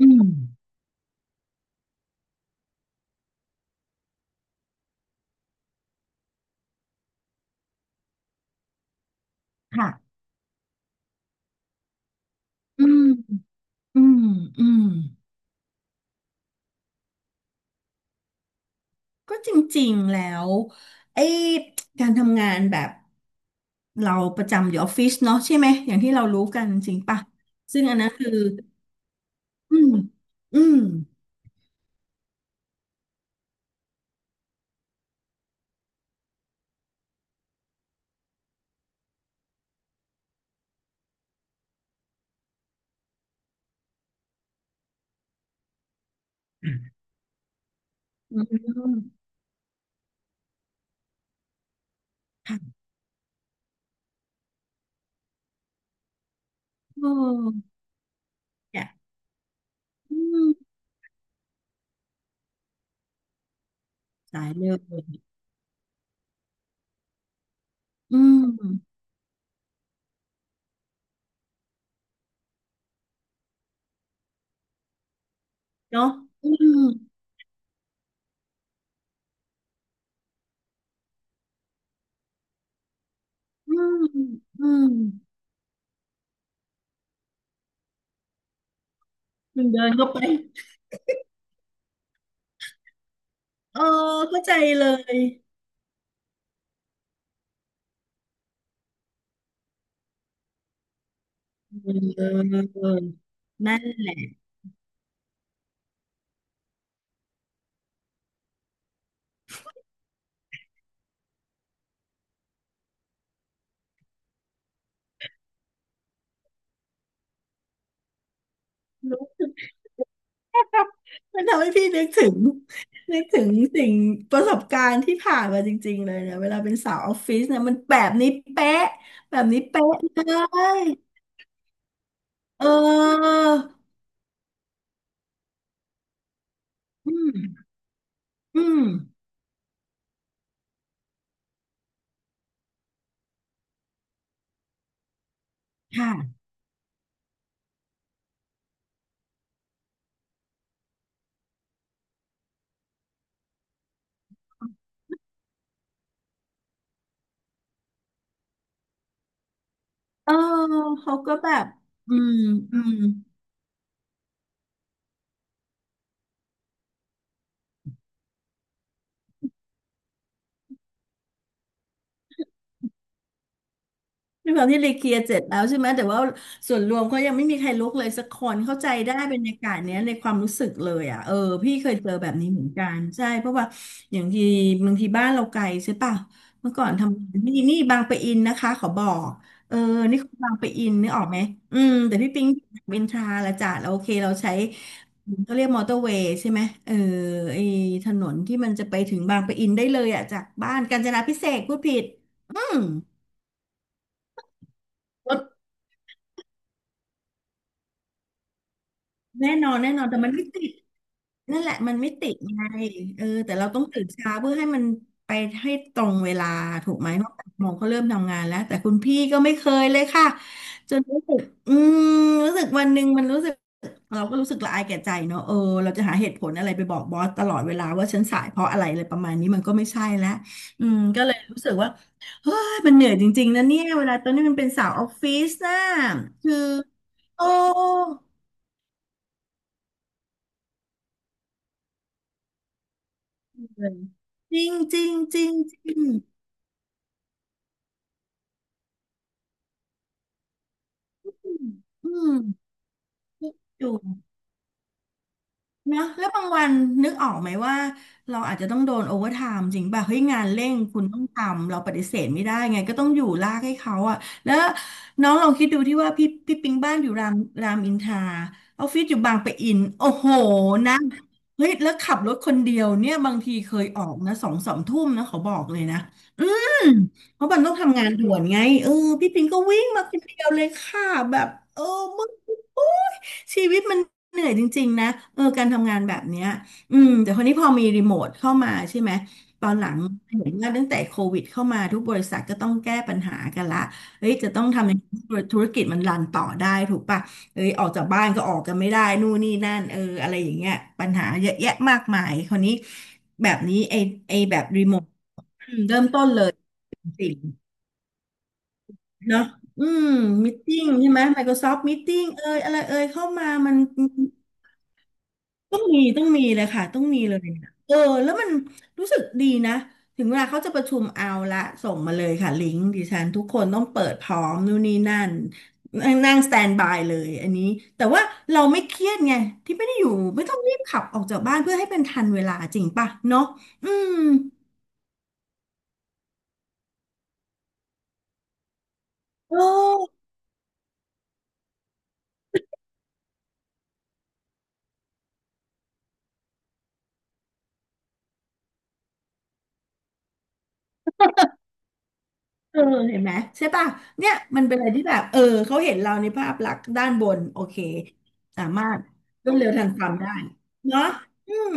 อืมค่ะอืมอืมอืมก็จริงๆแล้วไอ้การทำงานแบบเราประจำอยู่ออฟฟิศเนาะใช่ไหมอย่างที่เรารู้กันจริงป่ะซึ่งอันนั้นคืออืมอืมอืมค่ะโอ้เนี่ยอืมสายเลยอืมเนาะอืมอืมอืมมึงเดินเข้าไปเออเข้าใจเลยเออนั่นแหละรู้สึก มันทำให้พี่นึกถึงสิ่งประสบการณ์ที่ผ่านมาจริงๆเลยเนี่ยเวลาเป็นสาวออฟฟิศเนี่ยมันแบบนี้เป๊ะแบบนี้เป๊ะเลยเอออืมอืมค่ะเออเขาก็แบบอืมอืม ด้วยความที่รีเคลียร์เสร็จแล้วใช่ไหมแต่ว่าส่วนรวมเขายังไม่มีใครลุกเลยสักคนเข้าใจได้บรรยากาศเนี้ยในความรู้สึกเลยอ่ะเออพี่เคยเจอแบบนี้เหมือนกันใช่เพราะว่าอย่างทีบางทีบ้านเราไกลใช่ป่ะเมื่อก่อนทำงานนี่บางปะอินนะคะขอบอกเออนี่คือบางปะอินนึกออกไหมอืมแต่พี่ปิ๊งเวนทราละจ้ะเราโอเคเราใช้เขาเรียกมอเตอร์เวย์ใช่ไหมเออไอถนนที่มันจะไปถึงบางปะอินได้เลยอ่ะจากบ้านกาญจนาภิเษกพูดผิดอืม แน่นอนแน่นอนแต่มันไม่ติดนั่นแหละมันไม่ติดไงเออแต่เราต้องตื่นเช้าเพื่อให้มันไปให้ตรงเวลาถูกไหมเพราะแปดโมงก็เริ่มทำงานแล้วแต่คุณพี่ก็ไม่เคยเลยค่ะจนรู้สึกอืมรู้สึกวันหนึ่งมันรู้สึกเราก็รู้สึกละอายแก่ใจเนอะเออเราจะหาเหตุผลอะไรไปบอกบอสตลอดเวลาว่าฉันสายเพราะอะไรอะไรประมาณนี้มันก็ไม่ใช่แล้วอืมก็เลยรู้สึกว่าเฮ้ยมันเหนื่อยจริงๆนะเนี่ยเวลาตอนนี้มันเป็นสาวออฟฟิศนะคือโอ้ เลยจริงจริงจริงจริงอืมอยู่ นะแล้วบางวันนึกออกไหมว่าเราอาจจะต้องโดนโอเวอร์ไทม์จริงป่ะเฮ้ยงานเร่งคุณต้องทำเราปฏิเสธไม่ได้ไงก็ต้องอยู่ลากให้เขาอะแล้วน้องลองคิดดูที่ว่าพี่ปิงบ้านอยู่รามรามอินทราออฟฟิศอยู่บางปะอินโอ้โหนะเฮ้ยแล้วขับรถคนเดียวเนี่ยบางทีเคยออกนะสองสามทุ่มนะเขาบอกเลยนะอืมเพราะมันต้องทำงานด่วนไงเออพี่ปิงก็วิ่งมาคนเดียวเลยค่ะแบบเออมึงโอ๊ยชีวิตมัน เหนื่อยจริงๆนะเออการทำงานแบบเนี้ยอืมแต่คนนี้พอมีรีโมทเข้ามาใช่ไหมตอนหลังเห็นว่าตั้งแต่โควิดเข้ามาทุกบริษัทก็ต้องแก้ปัญหากันละเฮ้ยจะต้องทำยังไงให้ธุรกิจมันรันต่อได้ถูกป่ะเอ้ยออกจากบ้านก็ออกกันไม่ได้นู่นนี่นั่นเอออะไรอย่างเงี้ยปัญหาเยอะแยะมากมายคนนี้แบบนี้ไอแบบรีโมทอืมเริ่มต้นเลยจริงๆเนาะอืมมิ e ติ้งใช่ไหม Microsoft Meeting เอยอะไรเอยเข้ามามัน ต้องมีเลยค่ะต้องมีเลยเออแล้วมันรู้สึกดีนะถึงเวลาเขาจะประชุมเอาละส่งมาเลยค่ะลิงก์ดิฉันทุกคนต้องเปิดพร้อมนู่นนี่นั่นนั่งสแตนบายเลยอันนี้แต่ว่าเราไม่เครียดไงที่ไม่ได้อยู่ไม่ต้องรีบขับออกจากบ้านเพื่อให้เป็นทันเวลาจริงป่ะเนาะอืมเออเออเห็นไหมใช่ป่ะเนี่ยมันเป็นอะไรที่แบบเออเขาเห็นเราในภาพลักษณ์ด้านบนโอเคสามารถรวดเร็วทันความได้เนาะอืม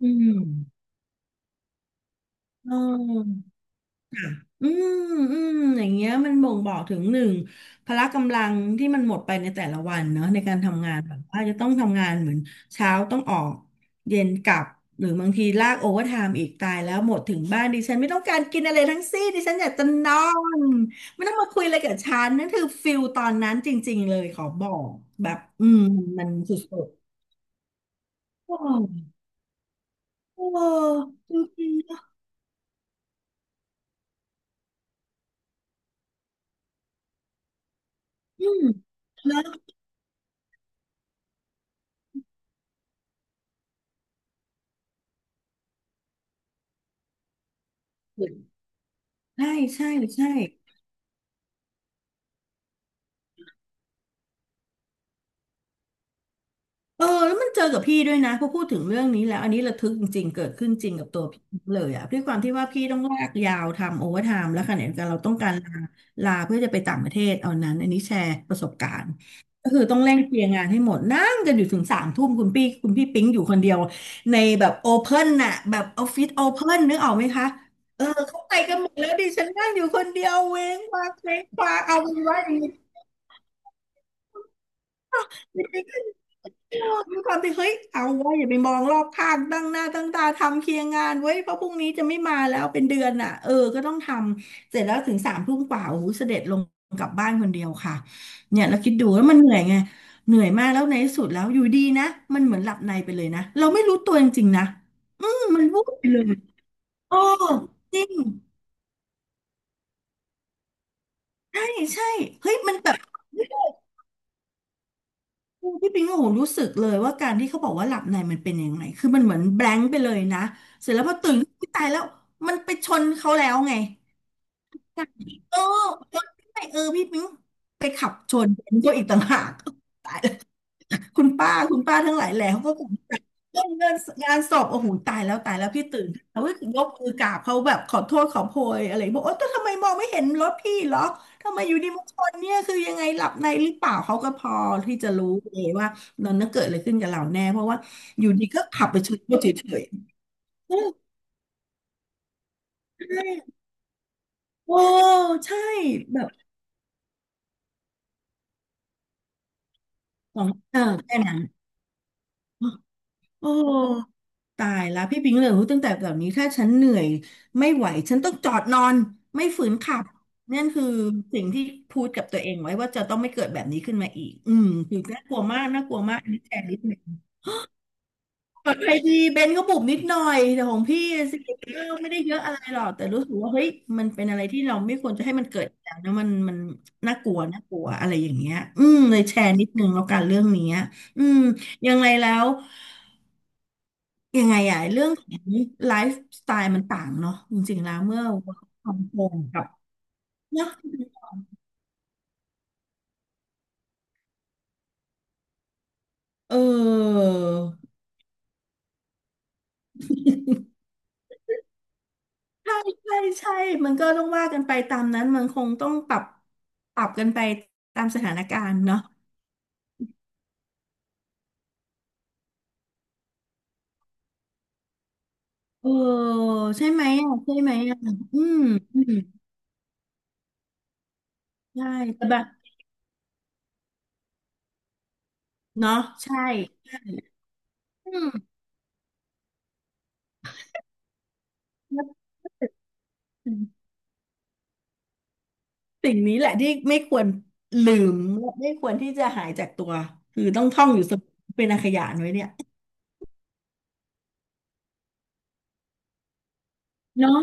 อืมเออค่ะอืมอืมอย่างเงี้ยมันบ่งบอกถึงหนึ่งพละกำลังที่มันหมดไปในแต่ละวันเนอะในการทำงานแบบว่าจะต้องทำงานเหมือนเช้าต้องออกเย็นกลับหรือบางทีลากโอเวอร์ไทม์อีกตายแล้วหมดถึงบ้านดิฉันไม่ต้องการกินอะไรทั้งสิ้นดิฉันอยากจะนอนไม่ต้องมาคุยอะไรกับฉันนั่นคือฟิลตอนนั้นจริงๆเลยขอบอกแบบอืมมันสุดๆโอ้โหจริงๆนะอืมแล้ว ใช่ใช่ใช่เออแล้วมันเจอกับพี่ด้วยนะพอพูดถึงเรื่องนี้แล้วอันนี้ระทึกจริงๆเกิดขึ้นจริงกับตัวพี่เลยอะด้วยความที่ว่าพี่ต้องลากยาวทำโอเวอร์ไทม์แล้วขณะเดียวกันเราต้องการลาเพื่อจะไปต่างประเทศเอานั้นอันนี้แชร์ประสบการณ์ก็คือต้องเร่งเคลียร์งานให้หมดนั่งกันอยู่ถึงสามทุ่มคุณพี่ปิ๊งอยู่คนเดียวในแบบโอเพ่นน่ะแบบออฟฟิศโอเพ่นนึกออกไหมคะเออเขาไปกันหมดแล้วดิฉันนั่งอยู่คนเดียวเว้งว้างเอาเป็นว่าอย่างนี้ ด้ วยความที่เฮ้ยเอาไว้ยอย่าไปมองรอบข้างตั้งหน้าตั้งตาทำเคลียร์งานไว้ยเพราะพรุ่งนี้จะไม่มาแล้วเป็นเดือนอ่ะเออก็ต้องทำเสร็จแล้วถึงสามทุ่มกว่าโอ้โหเสด็จลงกลับบ้านคนเดียวค่ะเนี่ยแล้วคิดดูแล้วมันเหนื่อยไงเหนื่อยมากแล้วในที่สุดแล้วอยู่ดีนะมันเหมือนหลับในไปเลยนะเราไม่รู้ตัวจริงๆนะอืมมันวูบไปเลยโอ้จริงใช่ใช่เฮ้ยมันแบบ พี่ปิงก็โหรู้สึกเลยว่าการที่เขาบอกว่าหลับในมันเป็นยังไงคือมันเหมือนแบงค์ไปเลยนะเสร็จแล้วพอตื่นขึ้นอุ๊ยตายแล้วมันไปชนเขาแล้วไงเออชนได้เออพี่ปิงไปขับชนเขอีกต่างหากตาย คุณป้าคุณป้าทั้งหลายแหล่เขาก็กลุ่มใจเรื่องเงินงานศพโอ้โหตายแล้วตายแล้วพี่ตื่นเขาก็ยกมือกราบเขาแบบขอโทษขอโพยอะไรบอกโอ๊ยแต่ทำไมมองไม่เห็นรถพี่เหรอทำไมอยู่ดีมาชนเนี่ยคือยังไงหลับในหรือเปล่าเขาก็พอที่จะรู้เลยว่ามันน่ะเกิดอะไรขึ้นกับเราแน่เพราะว่าอยู่ดีก็ขับไปชนเขเฉยๆเออใช่โอ้ใช่แบบของเออแค่นั้นโอ้ ตายแล้วพี่ปิงเลยรู้ตั้งแต่แบบนี้ถ้าฉันเหนื่อยไม่ไหวฉันต้องจอดนอนไม่ฝืนขับนั่นคือสิ่งที่พูดกับตัวเองไว้ว่าจะต้องไม่เกิดแบบนี้ขึ้นมาอีกอืมคือน่ากลัวมากอันนี้แชร์นิดหนึ่งปลอดภัยดีเบนก็บุบนิดหน่อยแต่ของพี่สิก็ไม่ได้เยอะอะไรหรอกแต่รู้สึกว่าเฮ้ยมันเป็นอะไรที่เราไม่ควรจะให้มันเกิดอีกแล้วนะมันน่ากลัวอะไรอย่างเงี้ยอืมเลยแชร์นิดนึงแล้วกันเรื่องเนี้ยอืมยังไงแล้ว ยังไงอะเรื่องของไลฟ์สไตล์มันต่างเนาะจริงๆแล้วเมื่อ work from home กับเนาะเออใช่ใช่มันก็ต้องว่ากันไปตามนั้นมันคงต้องปรับกันไปตามสถานการณ์เนาะเออใช่ไหมอ่ะอืมอืมใช่แต่แบบเนาะใช่ใช่อืมแล้วสิ่งนี้แหละที่ไม่ควรลืมและไม่ควรที่จะหายจากตัวคือต้องท่องอยู่เสมอเป็นอาขยานไว้เนี่ย เนาะ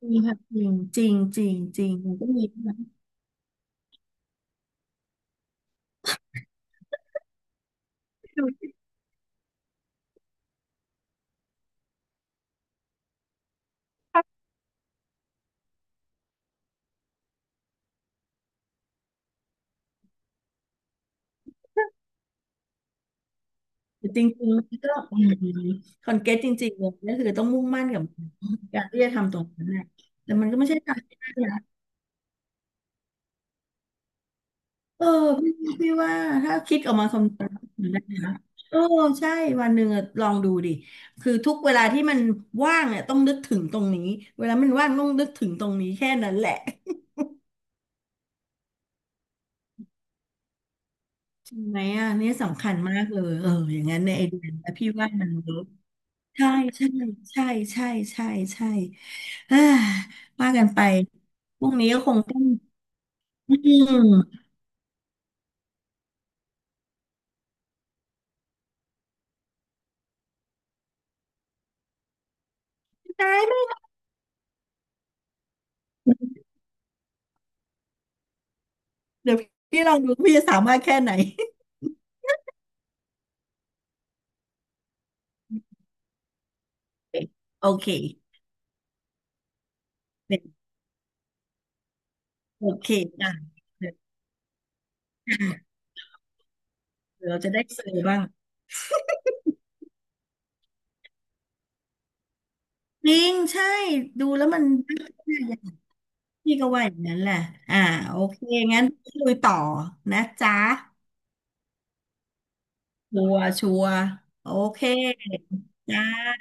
จริงค่ะจริงจริงจริงจริงมันก็มีนะดูที่ภาพจริงๆมันก็อืมคอนเกตจริงๆเลยก็คือต้องมุ่งมั่นกับการที่จะทำตรงนั้นแหละแต่มันก็ไม่ใช่การที่ได้นะเออพี่พี่ว่าถ้าคิดออกมาคำนวณได้นะเออใช่วันหนึ่งอะลองดูดิคือทุกเวลาที่มันว่างเนี่ยต้องนึกถึงตรงนี้เวลามันว่างต้องนึกถึงตรงนี้แค่นั้นแหละ ใช่ไหมอ่ะเนี่ยสำคัญมากเลยเอออย่างนั้นในไอเดียนะพี่ว่ามันเวิร์ก ใช่ใช่ใช่ใช่ใช่ใช่เอ้อว่ากันไปพรุ่งนี้ก็คงต้องอืมได้ไหมเดี๋ยวพี่ลองดูพี่จะสามารถแค่ไหนโอเคเด็๋โอเคจ้ะเดี๋ยวเยราจะได้เซอร์บ้างจริงใช่ดูแล้วมันพี่ก็ว่าอย่างนั้นแหละอ่าโอเคงั้นคุยต่อนะจ๊ะชัวร์โอเคจ้า